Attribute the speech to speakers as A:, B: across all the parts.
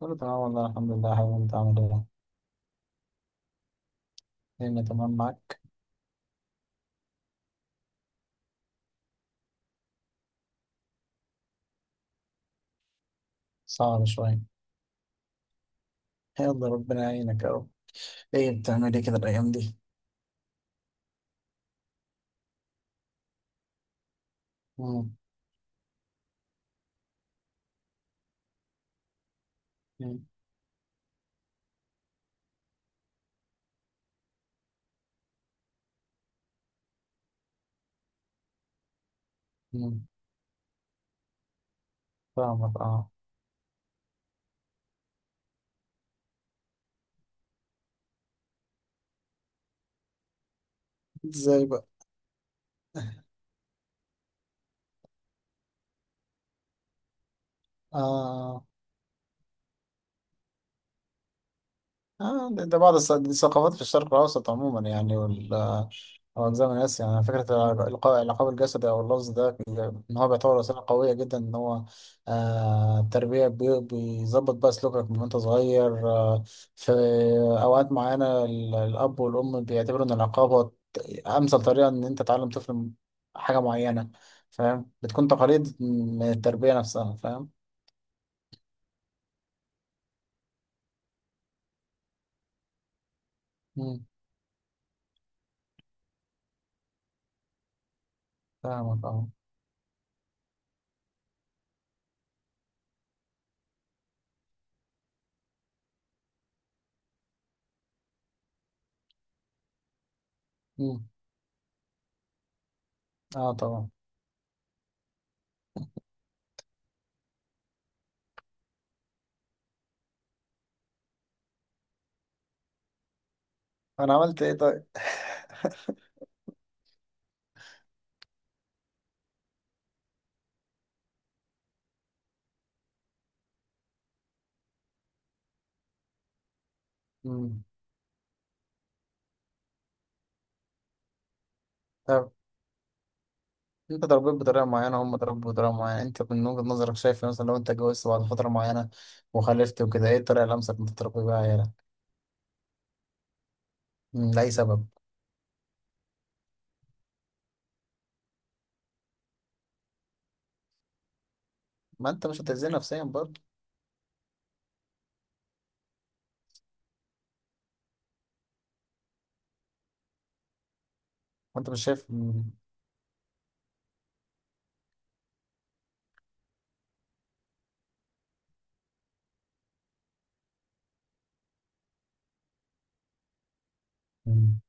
A: كله تمام والله الحمد لله يا حبيبي، انت عامل ايه؟ الدنيا تمام معاك؟ صعب شوية. يلا ربنا يعينك اهو. ايه بتعمل ايه كده الأيام دي؟ مم، مم، مم. فاهمك، اه. ازاي بقى؟ اه. دي ثقافات في الشرق الأوسط عموما، يعني وال... أو أجزاء من آسيا. يعني فكرة الإلقاء العقاب الجسدي أو اللفظ ده، إن هو بيعتبر وسيلة قوية جدا، إن هو التربية بيظبط بقى سلوكك من وأنت صغير في أوقات معينة الأب والأم بيعتبروا إن العقاب هو أمثل طريقة إن أنت تعلم طفل حاجة معينة. فاهم، بتكون تقاليد من التربية نفسها، فاهم. مم، فاهمك أه. مم، أه طبعا. انا عملت ايه طيب؟ مم. طب انت اتربيت بطريقه معينه، هم اتربوا بطريقه معينه، انت من وجهه نظرك شايف مثلا، لو انت اتجوزت بعد فتره معينه وخلفت وكده، ايه الطريقه الامثل انت تربي بيها عيالك؟ مم، لاي سبب؟ ما انت مش هتأذيه نفسيا برضه؟ وانت مش شايف. مم. مم.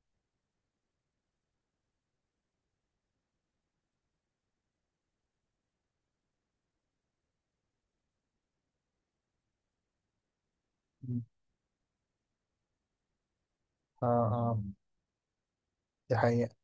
A: اه اه، دي حقيقه.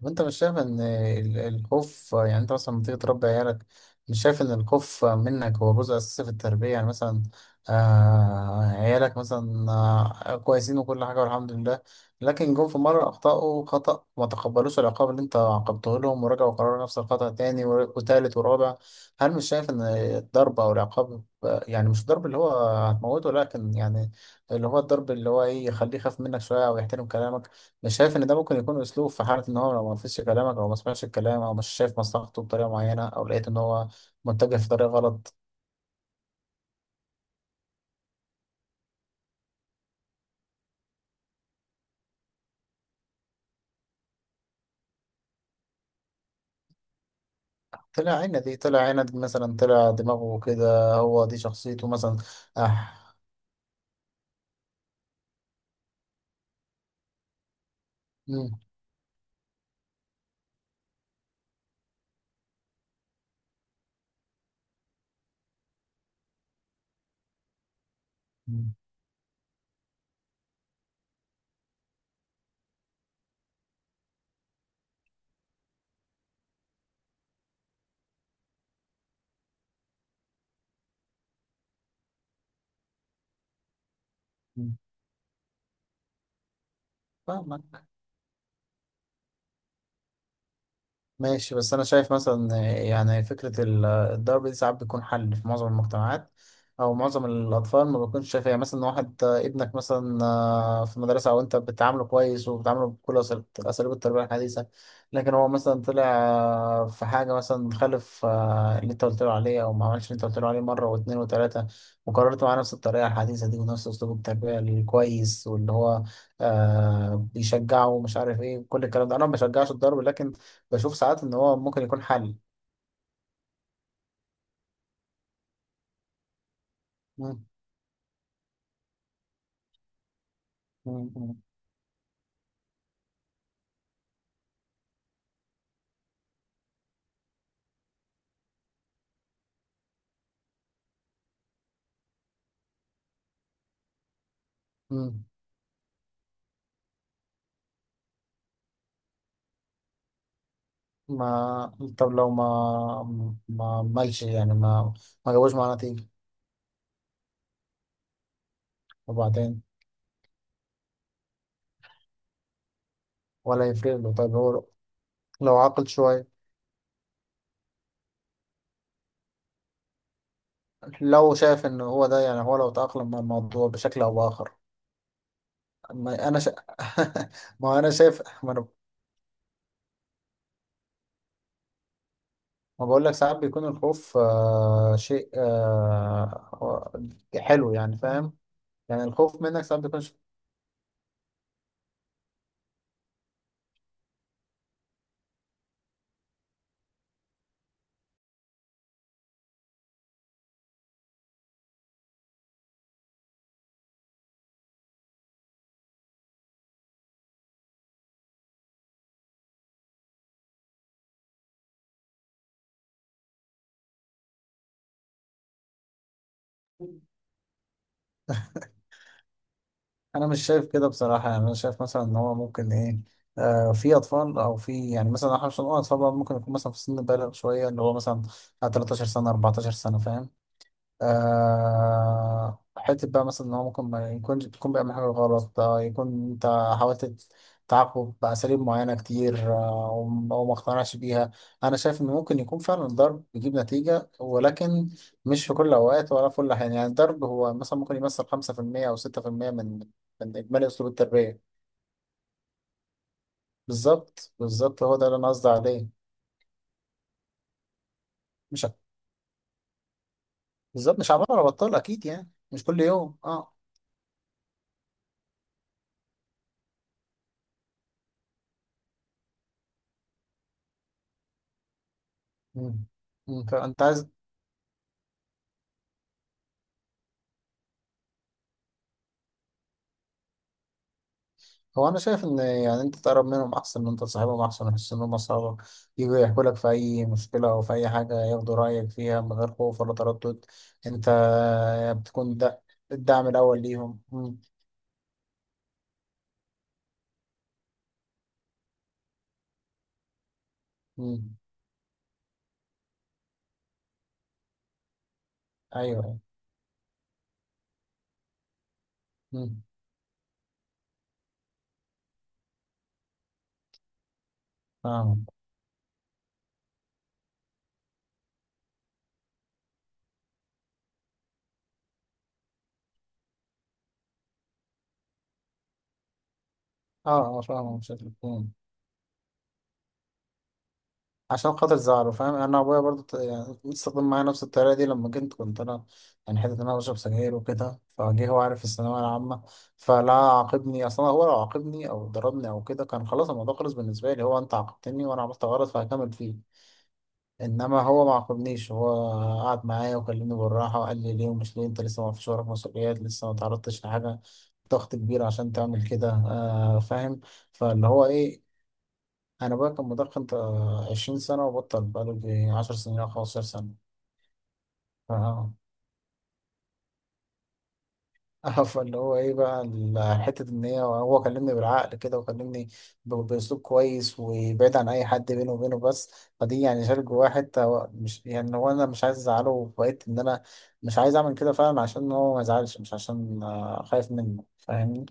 A: طب انت مش شايف ان الخوف، يعني انت مثلا لما تيجي تربي عيالك، مش شايف ان الخوف منك هو جزء اساسي في التربية؟ يعني مثلا آه عيالك مثلا آه كويسين وكل حاجة والحمد لله، لكن جم في مرة اخطأوا خطأ، ما تقبلوش العقاب اللي انت عاقبته لهم، ورجعوا قرروا نفس الخطأ تاني وتالت ورابع. هل مش شايف ان الضرب او العقاب، يعني مش الضرب اللي هو هتموته، لكن يعني اللي هو الضرب اللي هو ايه، يخليه يخاف منك شوية او يحترم كلامك؟ مش شايف ان ده ممكن يكون اسلوب، في حاله ان هو لو ما فيش كلامك او ما سمعش الكلام، او مش شايف مصلحته بطريقه معينه، او لقيت ان هو متجه في طريق غلط؟ طلع عينه دي، طلع عينه دي مثلا، طلع دماغه كده، هو دي شخصيته مثلا. اه. مم. مم. مم. فاهمك. ماشي، بس أنا شايف مثلا، يعني فكرة الضرب دي ساعات بيكون حل في معظم المجتمعات، أو معظم الأطفال ما بيكونش شايفها. يعني مثلا واحد، ابنك مثلا في المدرسة، أو أنت بتعامله كويس وبتعامله بكل أساليب التربية الحديثة، لكن هو مثلا طلع في حاجة مثلا خالف، اللي أنت قلت له عليه، أو ما عملش اللي أنت قلت له عليه مرة واتنين وتلاتة، وقررت معاه نفس الطريقة الحديثة دي ونفس أسلوب التربية الكويس، واللي هو بيشجعه ومش عارف إيه كل الكلام ده. أنا ما بشجعش الضرب، لكن بشوف ساعات ان هو ممكن يكون حل. مم. مم. مم. مم. ما طب لو ما مالش، يعني ما ما جابوش معاه نتيجة؟ وبعدين؟ ولا يفرق له؟ طيب هو لو عاقل شوية، لو شايف ان هو ده، يعني هو لو تأقلم مع الموضوع بشكل او بآخر؟ ما انا شا... ما انا شايف، ما بقول لك ساعات بيكون الخوف شيء حلو، يعني فاهم؟ يعني الخوف منك ساعات بيكون... انا مش شايف كده بصراحه. يعني انا شايف مثلا ان هو ممكن ايه، في اطفال، او في، يعني مثلا احنا مش هنقول اطفال بقى، ممكن يكون مثلا في سن بالغ شويه، اللي هو مثلا 13 سنه 14 سنه، فاهم؟ حتة بقى مثلا، إن هو ممكن ما يكونش تكون بيعمل حاجة غلط، يكون أنت حاولت تعاقبه بأساليب معينة كتير، وما اقتنعش بيها. أنا شايف إن ممكن يكون فعلا الضرب بيجيب نتيجة، ولكن مش في كل الأوقات ولا في كل الأحيان. يعني الضرب هو مثلا ممكن يمثل 5% أو 6% من إجمالي أسلوب التربية. بالظبط، بالظبط، هو ده اللي أنا قصدي عليه. مش بالظبط، مش عمال على بطال، أكيد يعني مش كل يوم. أه. مم. مم. فأنت عايز... هو انا شايف ان يعني انت تقرب منهم احسن، ان انت تصاحبهم احسن، يحس ان هم اصحابك، يجوا يحكوا لك في اي مشكله او في اي حاجه، ياخدوا رايك فيها من غير خوف ولا تردد. انت بتكون ده الدعم الاول ليهم. مم. مم. ايوه. مم. فاهم. اه اه، فاهم بشكل كبير. عشان خاطر زعله، فاهم؟ انا ابويا برضو، استخدم معايا نفس الطريقه دي لما كنت، كنت انا يعني، حته ان انا بشرب سجاير وكده فجه، هو عارف في الثانويه العامه. فلا عاقبني اصلا. هو لو عاقبني او ضربني او كده، كان خلاص الموضوع خلص بالنسبه لي. هو انت عاقبتني وانا عملت غلط فهكمل فيه، انما هو ما عاقبنيش. هو قعد معايا وكلمني بالراحه، وقال لي ليه ومش ليه، انت لسه ما فيش وراك مسؤوليات، لسه ما تعرضتش لحاجه ضغط كبير عشان تعمل كده، فاهم؟ فاللي هو ايه، انا بقى كان مدخن تا 20 سنه وبطل بقاله يجي 10 سنين او 15 سنه. ف- اه، فاللي هو ايه بقى، حته ان هي، كلمني بالعقل كده، وكلمني باسلوب كويس وبعيد عن اي حد، بينه وبينه بس. فدي يعني شال جواه حته، هو مش يعني، هو انا مش عايز ازعله، وبقيت ان انا مش عايز اعمل كده فعلا عشان هو ما يزعلش، مش عشان خايف منه، فاهمني؟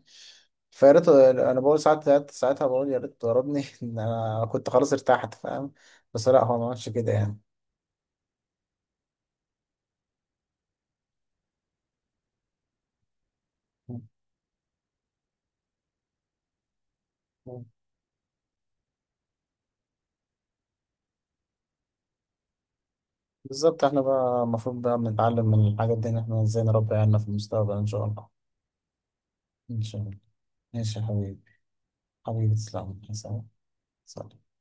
A: فيا ريت، انا بقول ساعات، ساعتها بقول يا ريت ضربني ان انا كنت خلاص ارتحت، فاهم؟ بس لا هو ما عملش كده يعني. مم. بالظبط، احنا بقى المفروض بقى بنتعلم من الحاجات دي ان احنا ازاي نربي عيالنا في المستقبل ان شاء الله. ان شاء الله. ماشي يا حبيبي. حبيبي تسلم، سلام. سلام.